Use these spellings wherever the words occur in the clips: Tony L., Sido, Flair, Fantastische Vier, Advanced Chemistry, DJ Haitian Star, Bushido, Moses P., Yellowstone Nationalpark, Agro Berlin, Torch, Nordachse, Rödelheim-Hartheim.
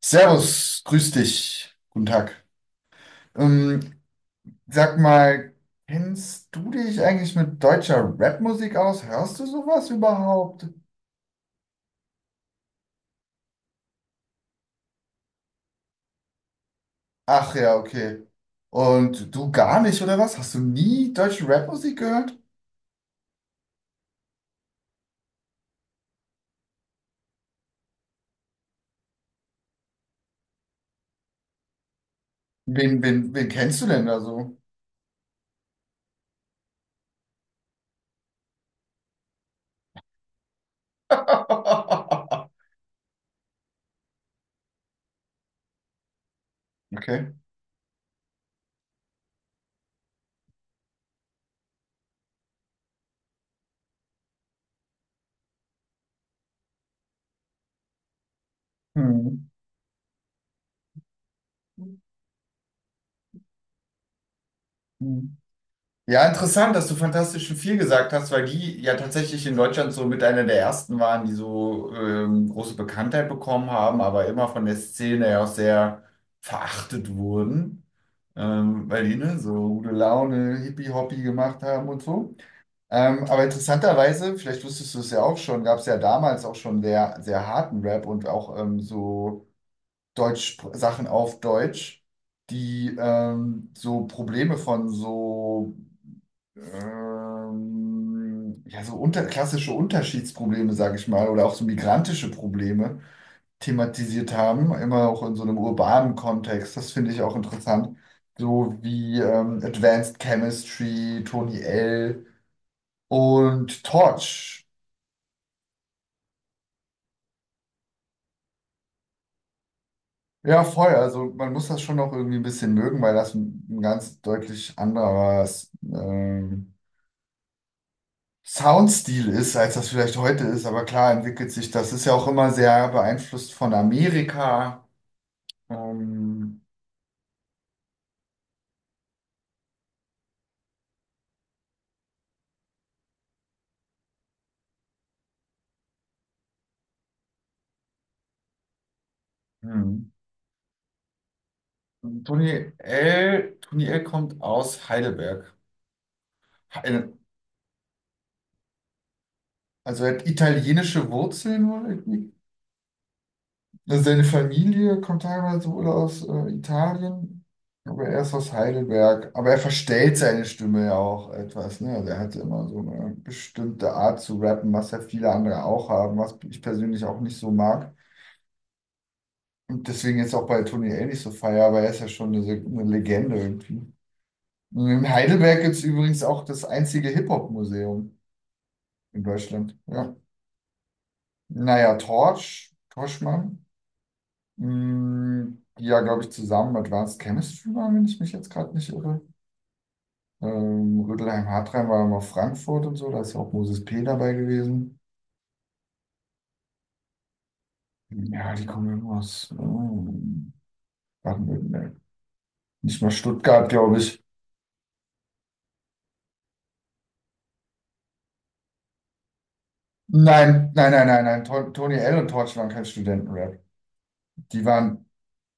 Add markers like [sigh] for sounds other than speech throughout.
Servus, grüß dich. Guten Tag. Ähm, Sag mal, kennst du dich eigentlich mit deutscher Rapmusik aus? Hörst du sowas überhaupt? Ach ja, okay. Und du gar nicht, oder was? Hast du nie deutsche Rapmusik gehört? Wen kennst du denn da so? [laughs] Okay. Hm. Hm. Ja, interessant, dass du Fantastischen Vier gesagt hast, weil die ja tatsächlich in Deutschland so mit einer der ersten waren, die so große Bekanntheit bekommen haben, aber immer von der Szene ja auch sehr verachtet wurden, weil die ne, so gute Laune, Hippie-Hoppy gemacht haben und so. Aber interessanterweise, vielleicht wusstest du es ja auch schon, gab es ja damals auch schon sehr, sehr harten Rap und auch so Deutsch, Sachen auf Deutsch, die so Probleme von so ja, so unter, klassische Unterschiedsprobleme, sage ich mal, oder auch so migrantische Probleme thematisiert haben, immer auch in so einem urbanen Kontext. Das finde ich auch interessant. So wie Advanced Chemistry, Tony L. und Torch. Ja, voll. Also man muss das schon noch irgendwie ein bisschen mögen, weil das ein ganz deutlich anderes Soundstil ist, als das vielleicht heute ist, aber klar entwickelt sich das. Ist ja auch immer sehr beeinflusst von Amerika. Ähm, hm. Tony L. Kommt aus Heidelberg. Heide- Also er hat italienische Wurzeln wohl irgendwie. Also seine Familie kommt teilweise wohl aus Italien, aber er ist aus Heidelberg. Aber er verstellt seine Stimme ja auch etwas, ne? Also er hatte immer so eine bestimmte Art zu rappen, was ja viele andere auch haben, was ich persönlich auch nicht so mag. Und deswegen jetzt auch bei Tony L nicht so feier, aber er ist ja schon eine Legende irgendwie. Und in Heidelberg gibt es übrigens auch das einzige Hip-Hop-Museum in Deutschland. Ja. Naja, Torch, Torchmann, die ja, glaube ich, zusammen Advanced Chemistry waren, wenn ich mich jetzt gerade nicht irre. Rödelheim-Hartheim war immer Frankfurt und so, da ist ja auch Moses P. dabei gewesen. Ja, die kommen immer aus Baden-Württemberg. Nicht mal Stuttgart, glaube ich. Nein, nein, nein, nein, nein. Tony L. und Torch waren kein Studentenrap. Die waren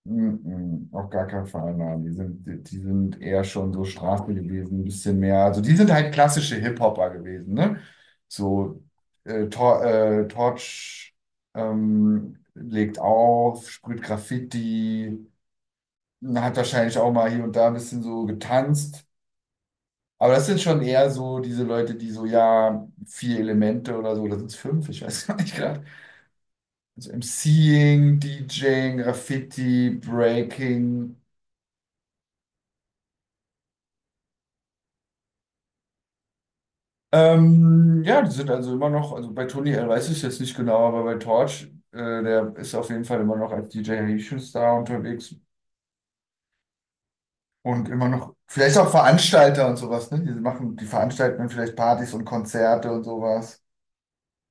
mm, auf gar keinen Fall, nein. Die sind eher schon so Straße gewesen, ein bisschen mehr. Also die sind halt klassische Hip-Hopper gewesen, ne? So Tor, Torch legt auf, sprüht Graffiti, hat wahrscheinlich auch mal hier und da ein bisschen so getanzt. Aber das sind schon eher so diese Leute, die so, ja, vier Elemente oder so, oder sind es fünf? Ich weiß [laughs] gar nicht. Also MCing, DJing, Graffiti, Breaking. Ja, die sind also immer noch, also bei Tony L weiß ich es jetzt nicht genau, aber bei Torch, äh, der ist auf jeden Fall immer noch als DJ Haitian Star unterwegs und immer noch, vielleicht auch Veranstalter und sowas, ne? Die machen, die veranstalten dann vielleicht Partys und Konzerte und sowas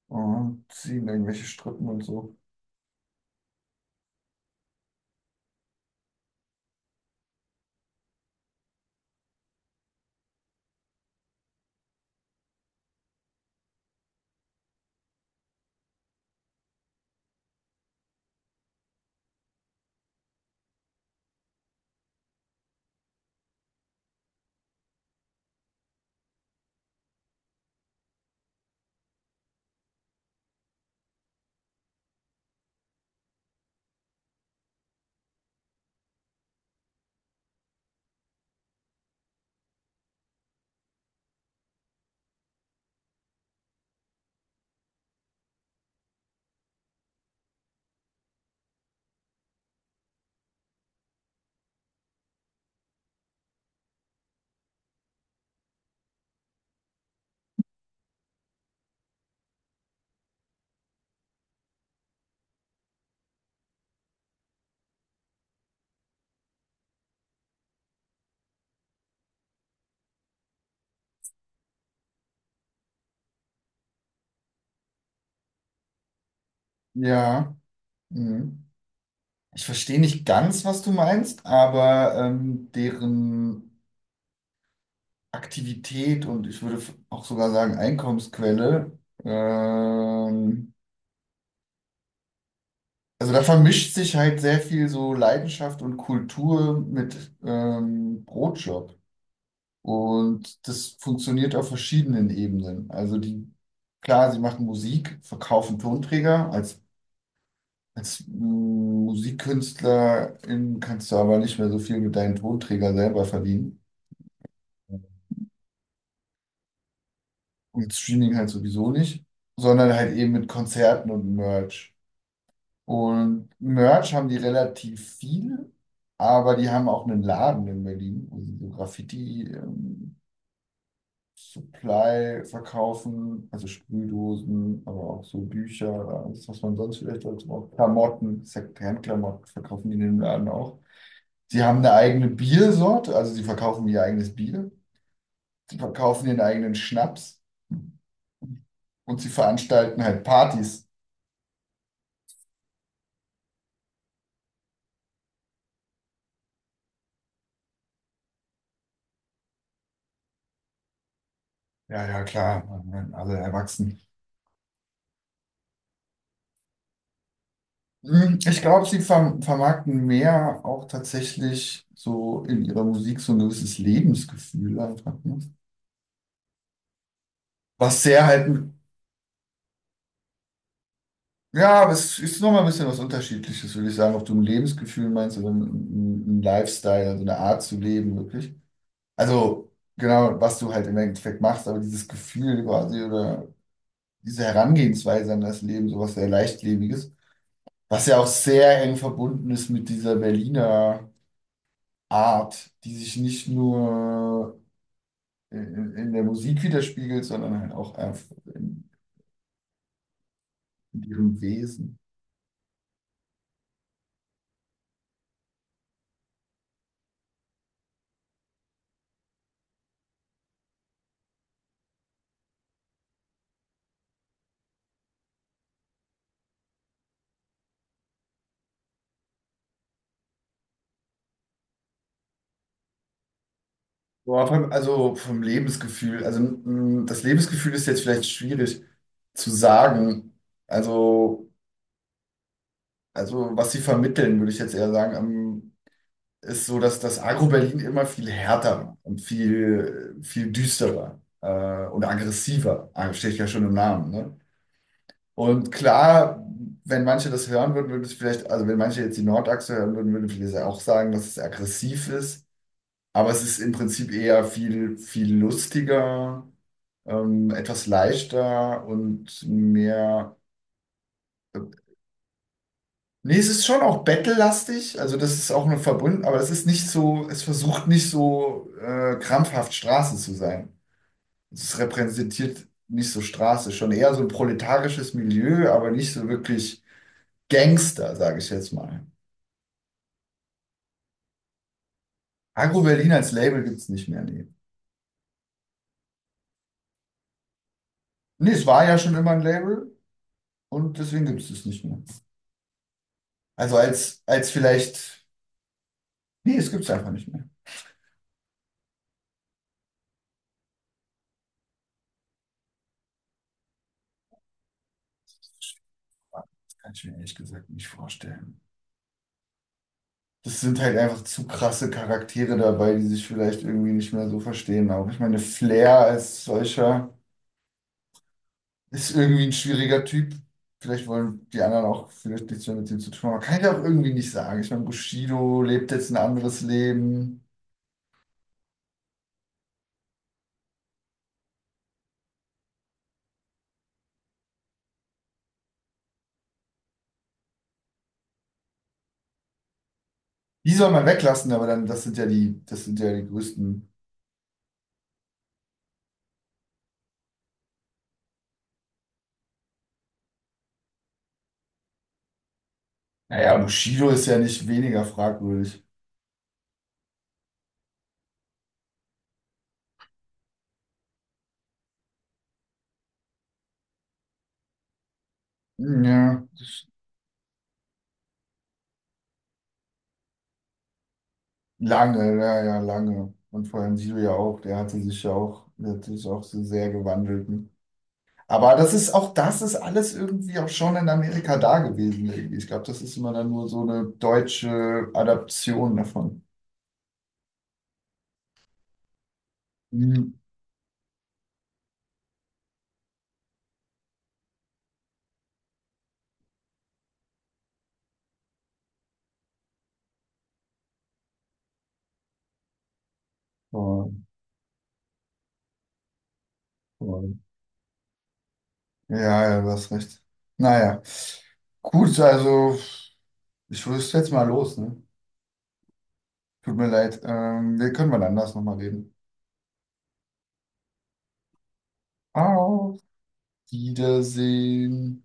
und ziehen irgendwelche Strippen und so. Ja, mhm. Ich verstehe nicht ganz, was du meinst, aber deren Aktivität und ich würde auch sogar sagen Einkommensquelle. Ähm, also da vermischt sich halt sehr viel so Leidenschaft und Kultur mit Brotjob. Und das funktioniert auf verschiedenen Ebenen. Also die, klar, sie machen Musik, verkaufen Tonträger. Als Musikkünstlerin kannst du aber nicht mehr so viel mit deinem Tonträger selber verdienen. Und Streaming halt sowieso nicht, sondern halt eben mit Konzerten und Merch. Und Merch haben die relativ viel, aber die haben auch einen Laden in Berlin, wo sie so Graffiti-Supply verkaufen, also Sprühdosen, aber auch so Bücher, alles, was man sonst vielleicht dazu braucht. Klamotten, Secondhand-Klamotten verkaufen die in dem Laden auch. Sie haben eine eigene Biersorte, also sie verkaufen ihr eigenes Bier, sie verkaufen ihren eigenen Schnaps und sie veranstalten halt Partys. Ja, ja, klar, alle erwachsen. Hm, ich glaube, sie vermarkten mehr auch tatsächlich so in ihrer Musik so ein gewisses Lebensgefühl einfach. Ne? Was sehr halt, ja, aber es ist nochmal ein bisschen was Unterschiedliches, würde ich sagen, ob du ein Lebensgefühl meinst oder ein Lifestyle, also eine Art zu leben, wirklich. Also genau, was du halt im Endeffekt machst, aber dieses Gefühl quasi oder diese Herangehensweise an das Leben, sowas sehr Leichtlebiges, was ja auch sehr eng verbunden ist mit dieser Berliner. Art, die sich nicht nur in der Musik widerspiegelt, sondern halt auch einfach in ihrem Wesen. Also vom Lebensgefühl. Also das Lebensgefühl ist jetzt vielleicht schwierig zu sagen. Also, also was sie vermitteln, würde ich jetzt eher sagen, ist so, dass das Agro-Berlin immer viel härter war und viel, viel düsterer und aggressiver. Ah, steht ja schon im Namen, ne? Und klar, wenn manche das hören würden, würde ich vielleicht, also wenn manche jetzt die Nordachse hören würden, würde ich vielleicht auch sagen, dass es aggressiv ist. Aber es ist im Prinzip eher viel, viel lustiger, etwas leichter und mehr. Nee, es ist schon auch battle-lastig, also das ist auch nur verbunden, aber es ist nicht so, es versucht nicht so krampfhaft Straße zu sein. Es repräsentiert nicht so Straße, schon eher so ein proletarisches Milieu, aber nicht so wirklich Gangster, sage ich jetzt mal. Agro Berlin als Label gibt es nicht mehr. Nee. Nee, es war ja schon immer ein Label und deswegen gibt es es nicht mehr. Also als, als vielleicht, nee, es gibt es einfach nicht mehr. Das kann ich mir ehrlich gesagt nicht vorstellen. Das sind halt einfach zu krasse Charaktere dabei, die sich vielleicht irgendwie nicht mehr so verstehen. Auch ich meine, Flair als solcher ist irgendwie ein schwieriger Typ. Vielleicht wollen die anderen auch vielleicht nichts mehr mit ihm zu tun haben. Aber kann ich auch irgendwie nicht sagen. Ich meine, Bushido lebt jetzt ein anderes Leben. Die soll man weglassen, aber dann, das sind ja die, das sind ja die größten. Naja, Bushido ist ja nicht weniger fragwürdig. Ja, das- lange, ja, ja, lange. Und vor allem Sido ja auch, der hatte sich ja auch, der hat sich auch so sehr gewandelt. Ne? Aber das ist auch, das ist alles irgendwie auch schon in Amerika da gewesen. Irgendwie. Ich glaube, das ist immer dann nur so eine deutsche Adaption davon. Mhm. Voll, voll. Ja, ja, du hast recht. Naja, gut, also ich rüste jetzt mal los, ne? Tut mir leid. Wir können mal anders nochmal reden. Auf Wiedersehen.